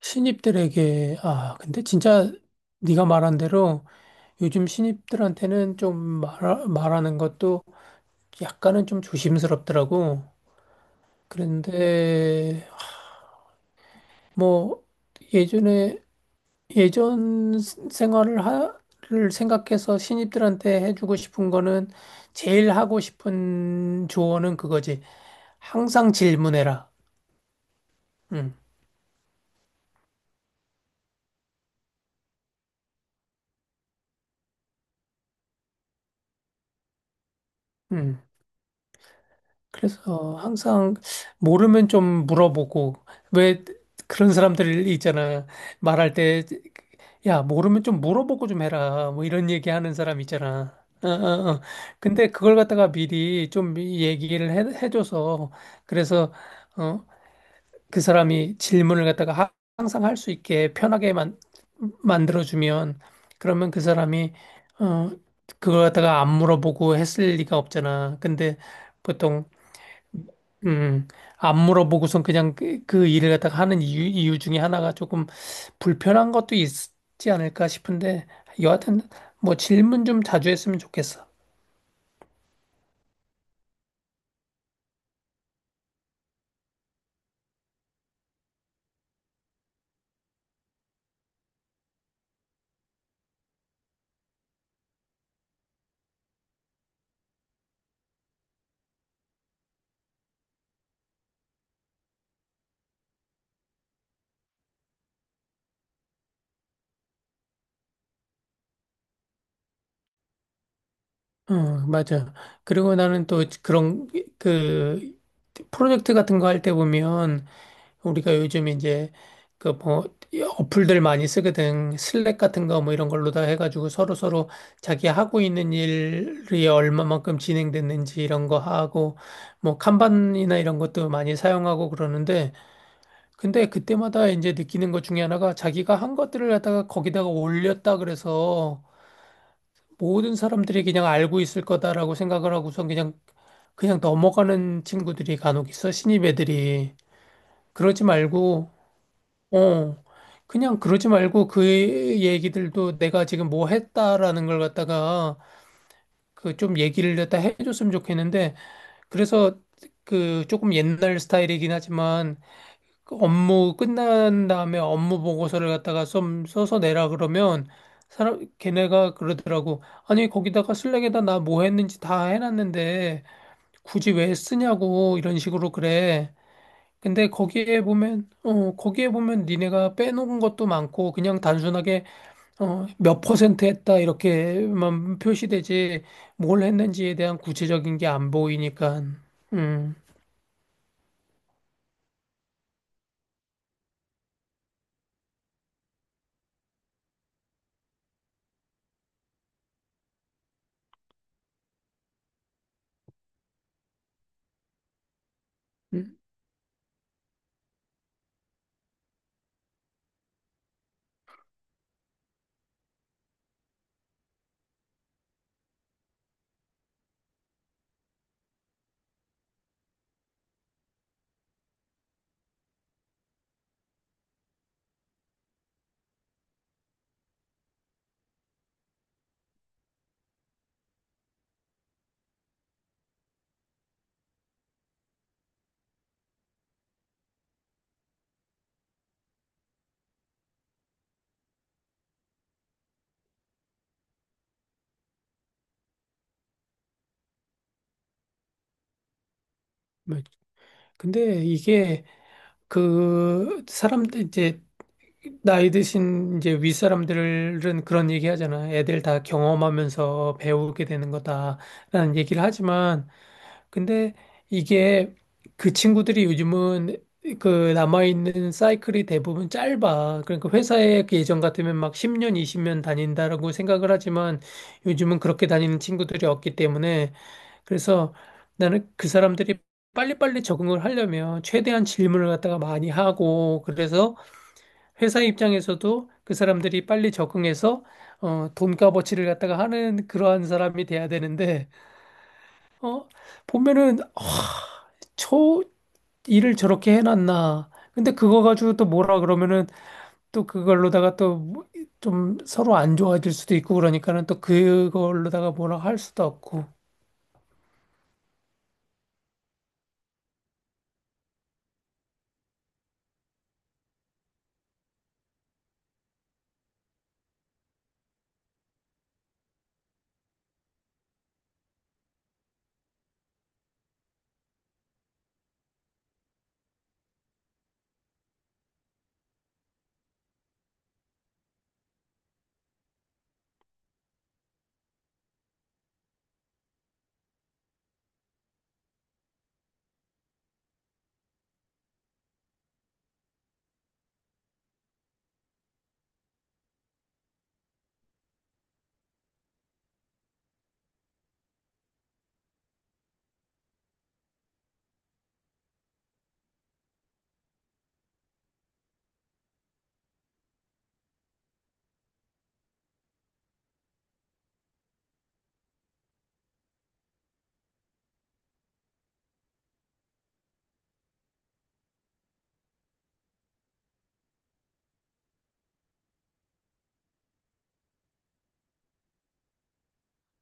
신입들에게 근데 진짜 네가 말한 대로 요즘 신입들한테는 좀 말하는 것도 약간은 좀 조심스럽더라고. 그런데 뭐 예전에 예전 생활을 하를 생각해서 신입들한테 해주고 싶은 거는 제일 하고 싶은 조언은 그거지. 항상 질문해라. 응, 응. 그래서 항상 모르면 좀 물어보고, 왜 그런 사람들 있잖아. 말할 때, 야, 모르면 좀 물어보고 좀 해라. 뭐 이런 얘기 하는 사람 있잖아. 어, 어, 어. 근데 그걸 갖다가 미리 좀 얘기를 해줘서, 그래서, 어, 그 사람이 질문을 갖다가 항상 할 수 있게 편하게 만들어주면, 그러면 그 사람이, 어, 그걸 갖다가 안 물어보고 했을 리가 없잖아. 근데 보통 음, 안 물어보고선 그냥 그 일을 갖다가 하는 이유 중에 하나가 조금 불편한 것도 있지 않을까 싶은데, 여하튼, 뭐 질문 좀 자주 했으면 좋겠어. 응, 맞아. 그리고 나는 또 그런, 그, 프로젝트 같은 거 할 때 보면, 우리가 요즘 이제 그 뭐 어플들 많이 쓰거든. 슬랙 같은 거 뭐 이런 걸로 다 해가지고 서로서로 자기 하고 있는 일이 얼마만큼 진행됐는지 이런 거 하고 뭐 칸반이나 이런 것도 많이 사용하고 그러는데 근데 그때마다 이제 느끼는 것 중에 하나가 자기가 한 것들을 갖다가 거기다가 올렸다 그래서 모든 사람들이 그냥 알고 있을 거다라고 생각을 하고선 그냥 그냥 넘어가는 친구들이 간혹 있어. 신입 애들이. 그러지 말고 어, 그냥 그러지 말고 그 얘기들도 내가 지금 뭐 했다라는 걸 갖다가 그 좀 얘기를 갖다 해줬으면 좋겠는데 그래서 그 조금 옛날 스타일이긴 하지만 그 업무 끝난 다음에 업무 보고서를 갖다가 좀 써서 내라 그러면 사람 걔네가 그러더라고. 아니 거기다가 슬랙에다 나 뭐 했는지 다 해놨는데 굳이 왜 쓰냐고 이런 식으로 그래. 근데 거기에 보면, 어, 거기에 보면 니네가 빼놓은 것도 많고, 그냥 단순하게, 어, 몇 퍼센트 했다, 이렇게만 표시되지, 뭘 했는지에 대한 구체적인 게 안 보이니까, 음, 음, 뭐, 근데 이게, 사람들, 이제, 나이 드신 이제 윗사람들은 그런 얘기 하잖아. 애들 다 경험하면서 배우게 되는 거다라는 얘기를 하지만, 근데 이게 그 친구들이 요즘은 그 남아있는 사이클이 대부분 짧아. 그러니까 회사에 그 예전 같으면 막 10년, 20년 다닌다라고 생각을 하지만 요즘은 그렇게 다니는 친구들이 없기 때문에 그래서 나는 그 사람들이 빨리빨리 적응을 하려면 최대한 질문을 갖다가 많이 하고 그래서 회사 입장에서도 그 사람들이 빨리 적응해서 돈값어치를 갖다가 하는 그러한 사람이 돼야 되는데 어, 보면은 저 일을 저렇게 해놨나. 근데 그거 가지고 또 뭐라 그러면은 또 그걸로다가 또 좀 서로 안 좋아질 수도 있고 그러니까는 또 그걸로다가 뭐라 할 수도 없고.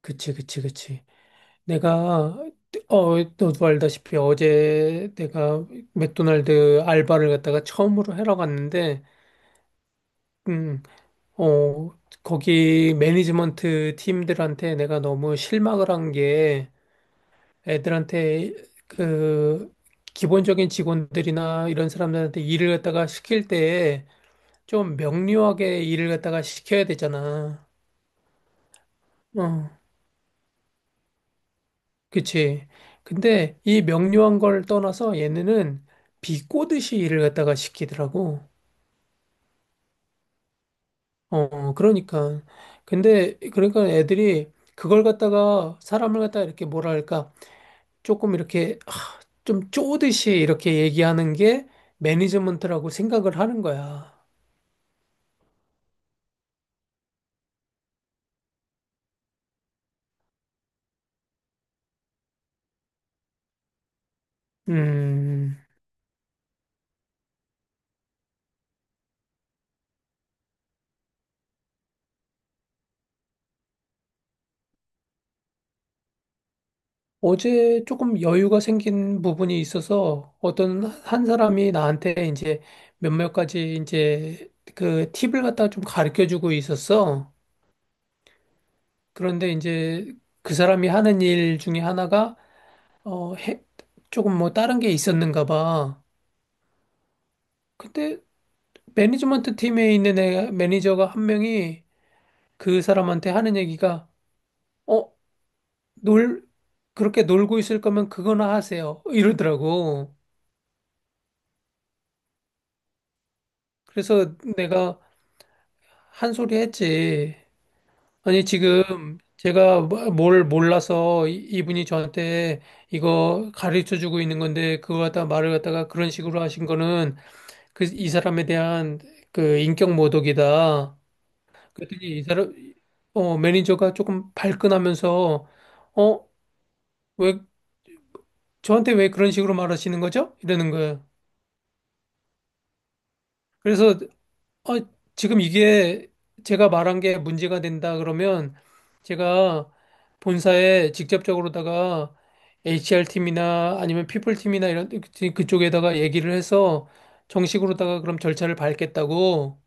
그치, 그치, 그치. 내가, 너도 알다시피 어제 내가 맥도날드 알바를 갖다가 처음으로 하러 갔는데, 음, 어, 거기 매니지먼트 팀들한테 내가 너무 실망을 한 게, 애들한테 그 기본적인 직원들이나 이런 사람들한테 일을 갖다가 시킬 때 좀 명료하게 일을 갖다가 시켜야 되잖아. 어, 그치. 근데 이 명료한 걸 떠나서 얘네는 비꼬듯이 일을 갖다가 시키더라고. 어, 그러니까. 근데 그러니까 애들이 그걸 갖다가 사람을 갖다가 이렇게 뭐랄까 조금 이렇게 하, 좀 쪼듯이 이렇게 얘기하는 게 매니지먼트라고 생각을 하는 거야. 음, 어제 조금 여유가 생긴 부분이 있어서 어떤 한 사람이 나한테 이제 몇몇 가지 이제 그 팁을 갖다 좀 가르쳐 주고 있었어. 그런데 이제 그 사람이 하는 일 중에 하나가 어, 해, 조금 뭐 다른 게 있었는가 봐. 근데 매니지먼트 팀에 있는 애, 매니저가 한 명이 그 사람한테 하는 얘기가 어, 놀, 그렇게 놀고 있을 거면 그거나 하세요. 이러더라고. 그래서 내가 한 소리 했지. 아니, 지금 제가 뭘 몰라서 이분이 저한테 이거 가르쳐 주고 있는 건데, 그거 갖다 말을 갖다가 그런 식으로 하신 거는 그 이 사람에 대한 그 인격 모독이다. 그랬더니 이 사람, 매니저가 조금 발끈하면서, 어, 왜, 저한테 왜 그런 식으로 말하시는 거죠? 이러는 거예요. 그래서 아, 지금 이게 제가 말한 게 문제가 된다 그러면 제가 본사에 직접적으로다가 HR팀이나 아니면 피플팀이나 이런 그- 그쪽에다가 얘기를 해서 정식으로다가 그럼 절차를 밟겠다고.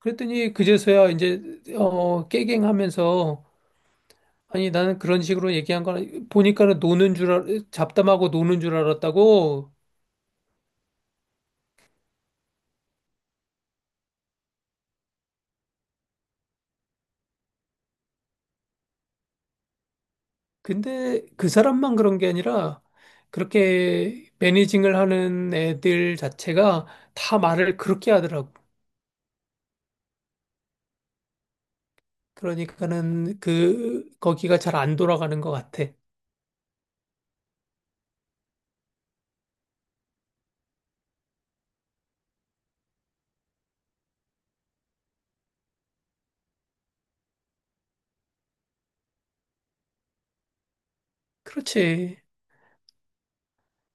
그랬더니 그제서야 이제 깨갱하면서 아니 나는 그런 식으로 얘기한 거 보니까는 잡담하고 노는 줄 알았다고. 근데 그 사람만 그런 게 아니라 그렇게 매니징을 하는 애들 자체가 다 말을 그렇게 하더라고. 그러니까는 그 거기가 잘 안 돌아가는 것 같아. 그렇지.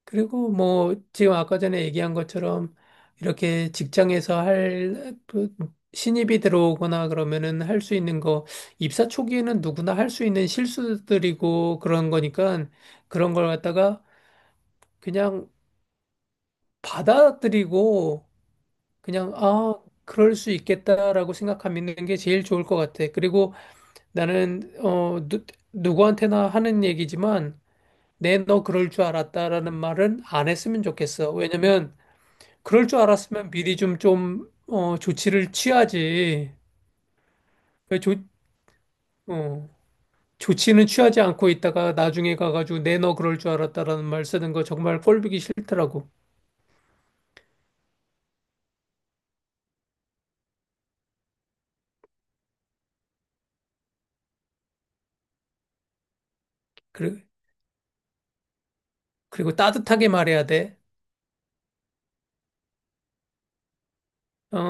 그리고 뭐 지금 아까 전에 얘기한 것처럼 이렇게 직장에서 할그 신입이 들어오거나 그러면은 할 수 있는 거 입사 초기에는 누구나 할 수 있는 실수들이고 그런 거니까 그런 걸 갖다가 그냥 받아들이고 그냥, 아, 그럴 수 있겠다라고 생각하는 게 제일 좋을 것 같아. 그리고 나는, 누구한테나 하는 얘기지만, 내 너 그럴 줄 알았다라는 말은 안 했으면 좋겠어. 왜냐면, 그럴 줄 알았으면 미리 좀, 조치를 취하지. 왜 어, 조치는 취하지 않고 있다가 나중에 가가지고 내 너 그럴 줄 알았다라는 말 쓰는 거 정말 꼴보기 싫더라고. 그리, 그리고 따뜻하게 말해야 돼. 어?